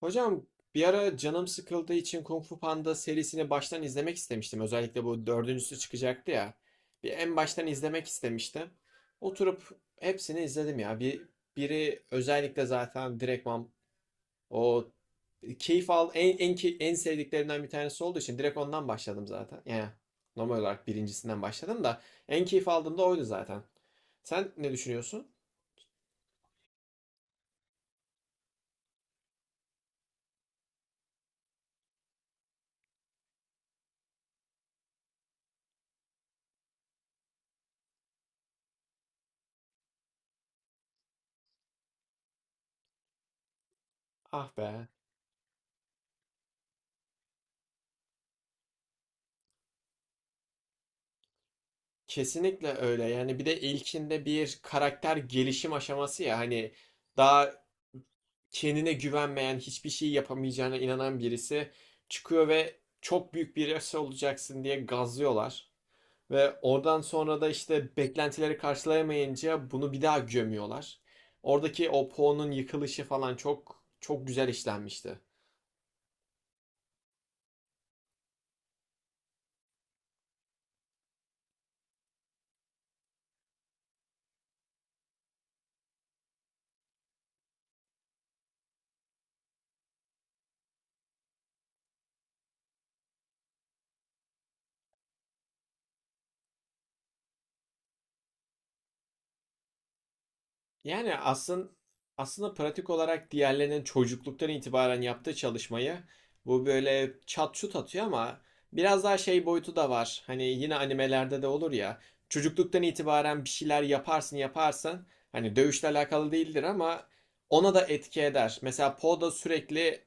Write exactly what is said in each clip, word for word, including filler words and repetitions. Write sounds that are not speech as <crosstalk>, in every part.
Hocam bir ara canım sıkıldığı için Kung Fu Panda serisini baştan izlemek istemiştim. Özellikle bu dördüncüsü çıkacaktı ya. Bir en baştan izlemek istemiştim. Oturup hepsini izledim ya. Bir biri özellikle zaten direktman, o keyif al en en key- en sevdiklerimden bir tanesi olduğu için direkt ondan başladım zaten. Yani normal olarak birincisinden başladım da en keyif aldığım da oydu zaten. Sen ne düşünüyorsun? Ah be. Kesinlikle öyle. Yani bir de ilkinde bir karakter gelişim aşaması ya, hani daha kendine güvenmeyen, hiçbir şey yapamayacağına inanan birisi çıkıyor ve çok büyük birisi olacaksın diye gazlıyorlar. Ve oradan sonra da işte beklentileri karşılayamayınca bunu bir daha gömüyorlar. Oradaki o Poe'nun yıkılışı falan çok çok güzel işlenmişti. Yani aslında aslında pratik olarak diğerlerinin çocukluktan itibaren yaptığı çalışmayı bu böyle çat şut atıyor ama biraz daha şey boyutu da var. Hani yine animelerde de olur ya. Çocukluktan itibaren bir şeyler yaparsın yaparsın. Hani dövüşle alakalı değildir ama ona da etki eder. Mesela Poe da sürekli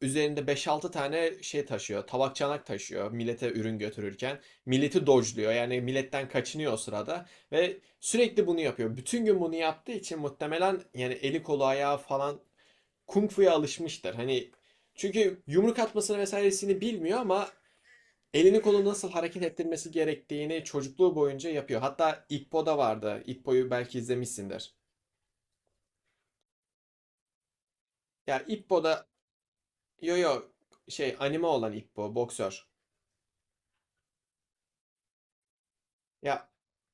üzerinde beş altı tane şey taşıyor. Tabak çanak taşıyor, millete ürün götürürken. Milleti dojluyor, yani milletten kaçınıyor o sırada. Ve sürekli bunu yapıyor. Bütün gün bunu yaptığı için muhtemelen yani eli kolu ayağı falan kung fu'ya alışmıştır. Hani çünkü yumruk atmasını vesairesini bilmiyor ama elini kolunu nasıl hareket ettirmesi gerektiğini çocukluğu boyunca yapıyor. Hatta Ippo'da vardı. Ippo'yu belki izlemişsindir. Ya Ippo'da, yo yo, şey, anime olan Ippo boksör. Ya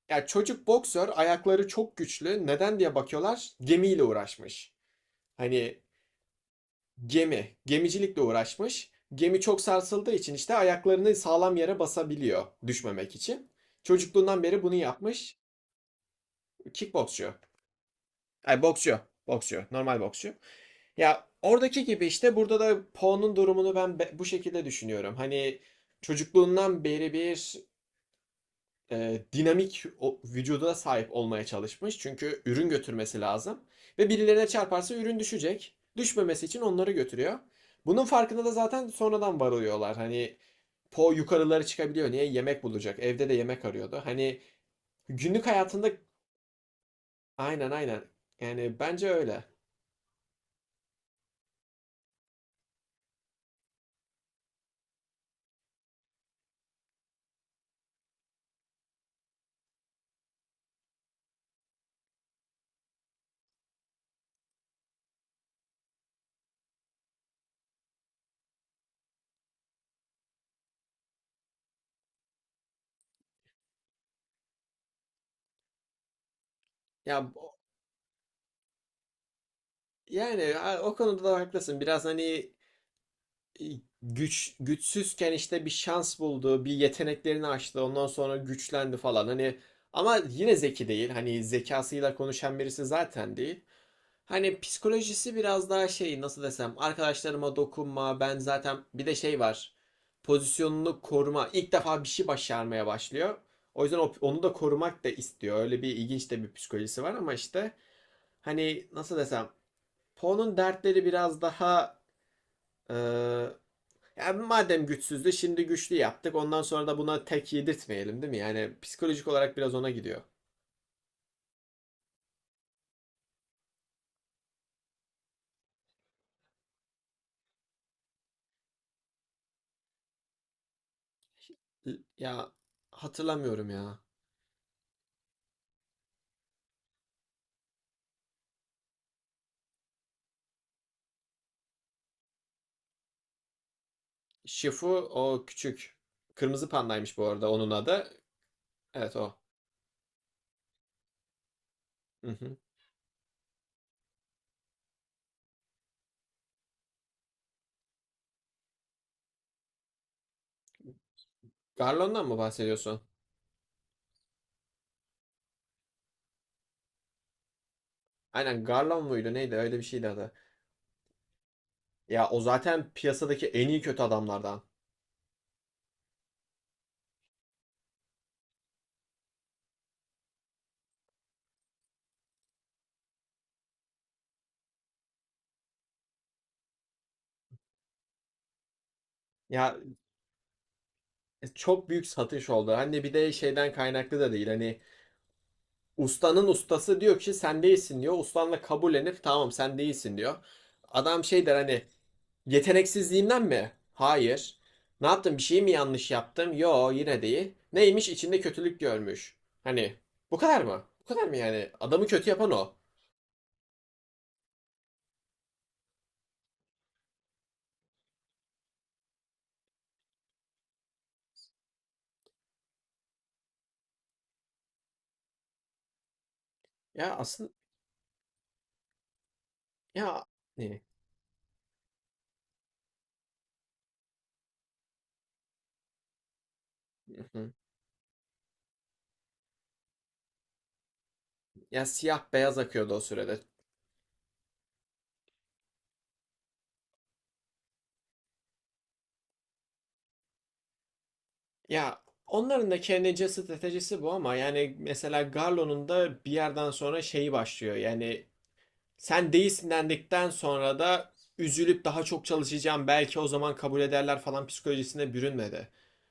ya çocuk boksör ayakları çok güçlü. Neden diye bakıyorlar, gemiyle uğraşmış. Hani Gemi. Gemicilikle uğraşmış. Gemi çok sarsıldığı için işte ayaklarını sağlam yere basabiliyor düşmemek için. Çocukluğundan beri bunu yapmış. Kickboksçu. Ay, boksçu. Boksçu. Normal boksçu. Ya oradaki gibi işte burada da Poe'nun durumunu ben bu şekilde düşünüyorum. Hani çocukluğundan beri bir e, dinamik o, vücuda sahip olmaya çalışmış. Çünkü ürün götürmesi lazım. Ve birilerine çarparsa ürün düşecek. Düşmemesi için onları götürüyor. Bunun farkında da zaten sonradan varılıyorlar. Hani Po yukarılara çıkabiliyor. Niye? Yemek bulacak. Evde de yemek arıyordu. Hani günlük hayatında, aynen aynen. Yani bence öyle. Ya yani o konuda da haklısın. Biraz hani e, güç güçsüzken işte bir şans buldu, bir yeteneklerini açtı, ondan sonra güçlendi falan. Hani ama yine zeki değil. Hani zekasıyla konuşan birisi zaten değil. Hani psikolojisi biraz daha şey, nasıl desem, arkadaşlarıma dokunma, ben zaten bir de şey var, pozisyonunu koruma. İlk defa bir şey başarmaya başlıyor. O yüzden o- onu da korumak da istiyor. Öyle bir ilginç de bir psikolojisi var ama işte hani nasıl desem Poe'nun dertleri biraz daha e, yani madem güçsüzdü şimdi güçlü yaptık. Ondan sonra da buna tek yedirtmeyelim değil mi? Yani psikolojik olarak biraz ona gidiyor. L- Ya hatırlamıyorum ya. Shifu o küçük. Kırmızı pandaymış bu arada onun adı. Evet o. Hı hı. Garlon'dan mı bahsediyorsun? Aynen, Garlon muydu neydi, öyle bir şeydi adı. Ya o zaten piyasadaki en iyi kötü adamlardan. Ya E, çok büyük satış oldu. Hani bir de şeyden kaynaklı da değil. Hani ustanın ustası diyor ki sen değilsin diyor. Ustanla kabullenip tamam sen değilsin diyor. Adam şey der hani, yeteneksizliğimden mi? Hayır. Ne yaptım? Bir şey mi yanlış yaptım? Yo, yine değil. Neymiş? İçinde kötülük görmüş. Hani bu kadar mı? Bu kadar mı yani? Adamı kötü yapan o. Ya aslında, ya ne? <laughs> Ya siyah beyaz akıyordu o sürede. Ya onların da kendince stratejisi bu ama yani mesela Garlo'nun da bir yerden sonra şeyi başlıyor. Yani sen değilsin dendikten sonra da üzülüp daha çok çalışacağım belki o zaman kabul ederler falan psikolojisine bürünmedi.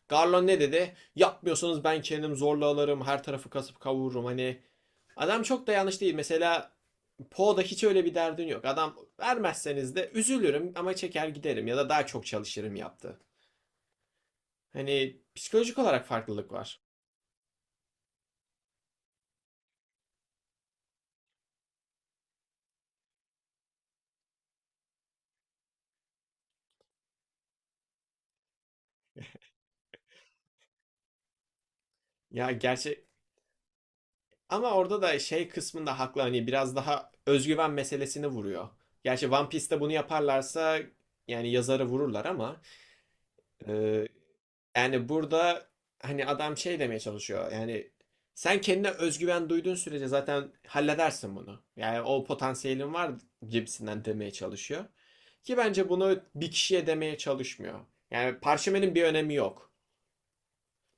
Garlon ne dedi? Yapmıyorsanız ben kendim zorla alırım, her tarafı kasıp kavururum. Hani adam çok da yanlış değil. Mesela Poe'da hiç öyle bir derdin yok. Adam vermezseniz de üzülürüm ama çeker giderim ya da daha çok çalışırım yaptı. Hani psikolojik olarak farklılık var. Ya gerçek, ama orada da şey kısmında haklı, hani biraz daha özgüven meselesini vuruyor. Gerçi One Piece'te bunu yaparlarsa yani yazarı vururlar ama e, yani burada hani adam şey demeye çalışıyor yani sen kendine özgüven duyduğun sürece zaten halledersin bunu. Yani o potansiyelin var gibisinden demeye çalışıyor. Ki bence bunu bir kişiye demeye çalışmıyor. Yani parşömenin bir önemi yok.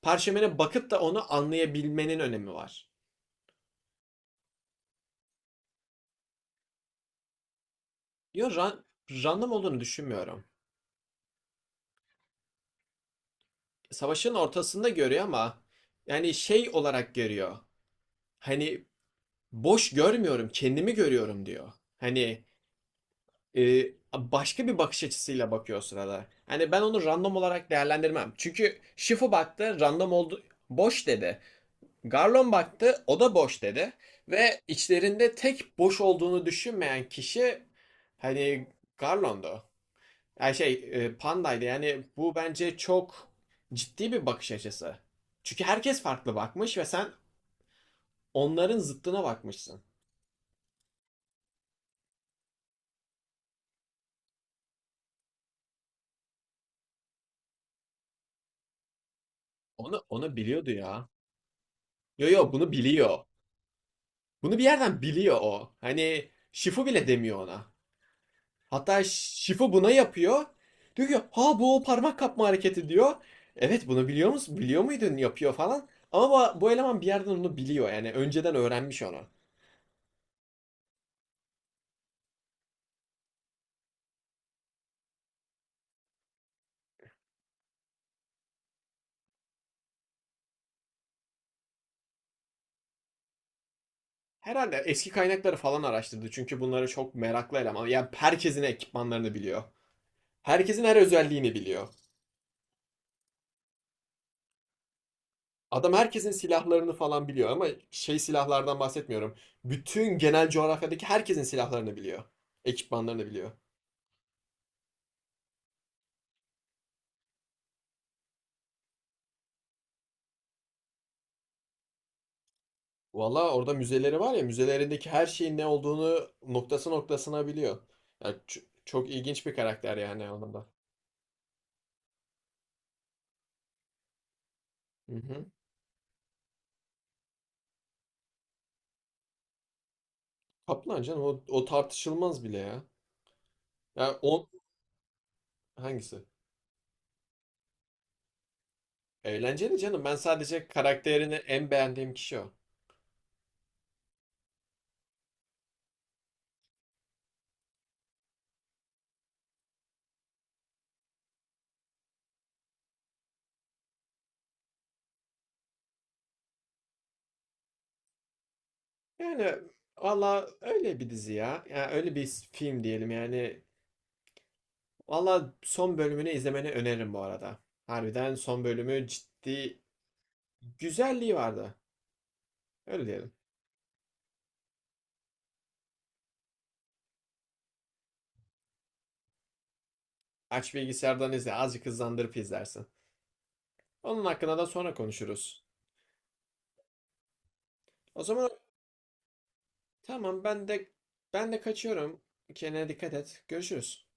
Parşömene bakıp da onu anlayabilmenin önemi var. Yo, ran random olduğunu düşünmüyorum. Savaşın ortasında görüyor ama yani şey olarak görüyor. Hani boş görmüyorum, kendimi görüyorum diyor. Hani e, başka bir bakış açısıyla bakıyor o sırada. Hani ben onu random olarak değerlendirmem. Çünkü Shifu baktı, random oldu, boş dedi. Garlon baktı, o da boş dedi. Ve içlerinde tek boş olduğunu düşünmeyen kişi hani Garlon'du. Yani şey e, pandaydı yani, bu bence çok ciddi bir bakış açısı. Çünkü herkes farklı bakmış ve sen onların zıttına bakmışsın. Onu onu biliyordu ya. Yo yo, bunu biliyor. Bunu bir yerden biliyor o. Hani Şifu bile demiyor ona. Hatta Şifu buna yapıyor. Diyor ki, ha bu o parmak kapma hareketi diyor. Evet bunu biliyor musun? Biliyor muydun yapıyor falan. Ama bu, bu eleman bir yerden onu biliyor, yani önceden öğrenmiş onu. Herhalde eski kaynakları falan araştırdı çünkü bunları çok meraklı eleman. Yani herkesin ekipmanlarını biliyor. Herkesin her özelliğini biliyor. Adam herkesin silahlarını falan biliyor ama şey silahlardan bahsetmiyorum. Bütün genel coğrafyadaki herkesin silahlarını biliyor. Ekipmanlarını biliyor. Valla orada müzeleri var ya, müzelerindeki her şeyin ne olduğunu noktası noktasına biliyor. Yani ç- çok ilginç bir karakter yani anlamda. Hı hı. Kaplan canım o, o tartışılmaz bile ya. Ya on hangisi? Eğlenceli canım. Ben sadece karakterini en beğendiğim kişi o. Yani valla öyle bir dizi ya. Yani öyle bir film diyelim yani. Valla son bölümünü izlemeni öneririm bu arada. Harbiden son bölümü ciddi güzelliği vardı. Öyle diyelim. Aç bilgisayardan izle. Azıcık hızlandırıp izlersin. Onun hakkında da sonra konuşuruz. O zaman tamam, ben de ben de kaçıyorum. Kendine dikkat et. Görüşürüz.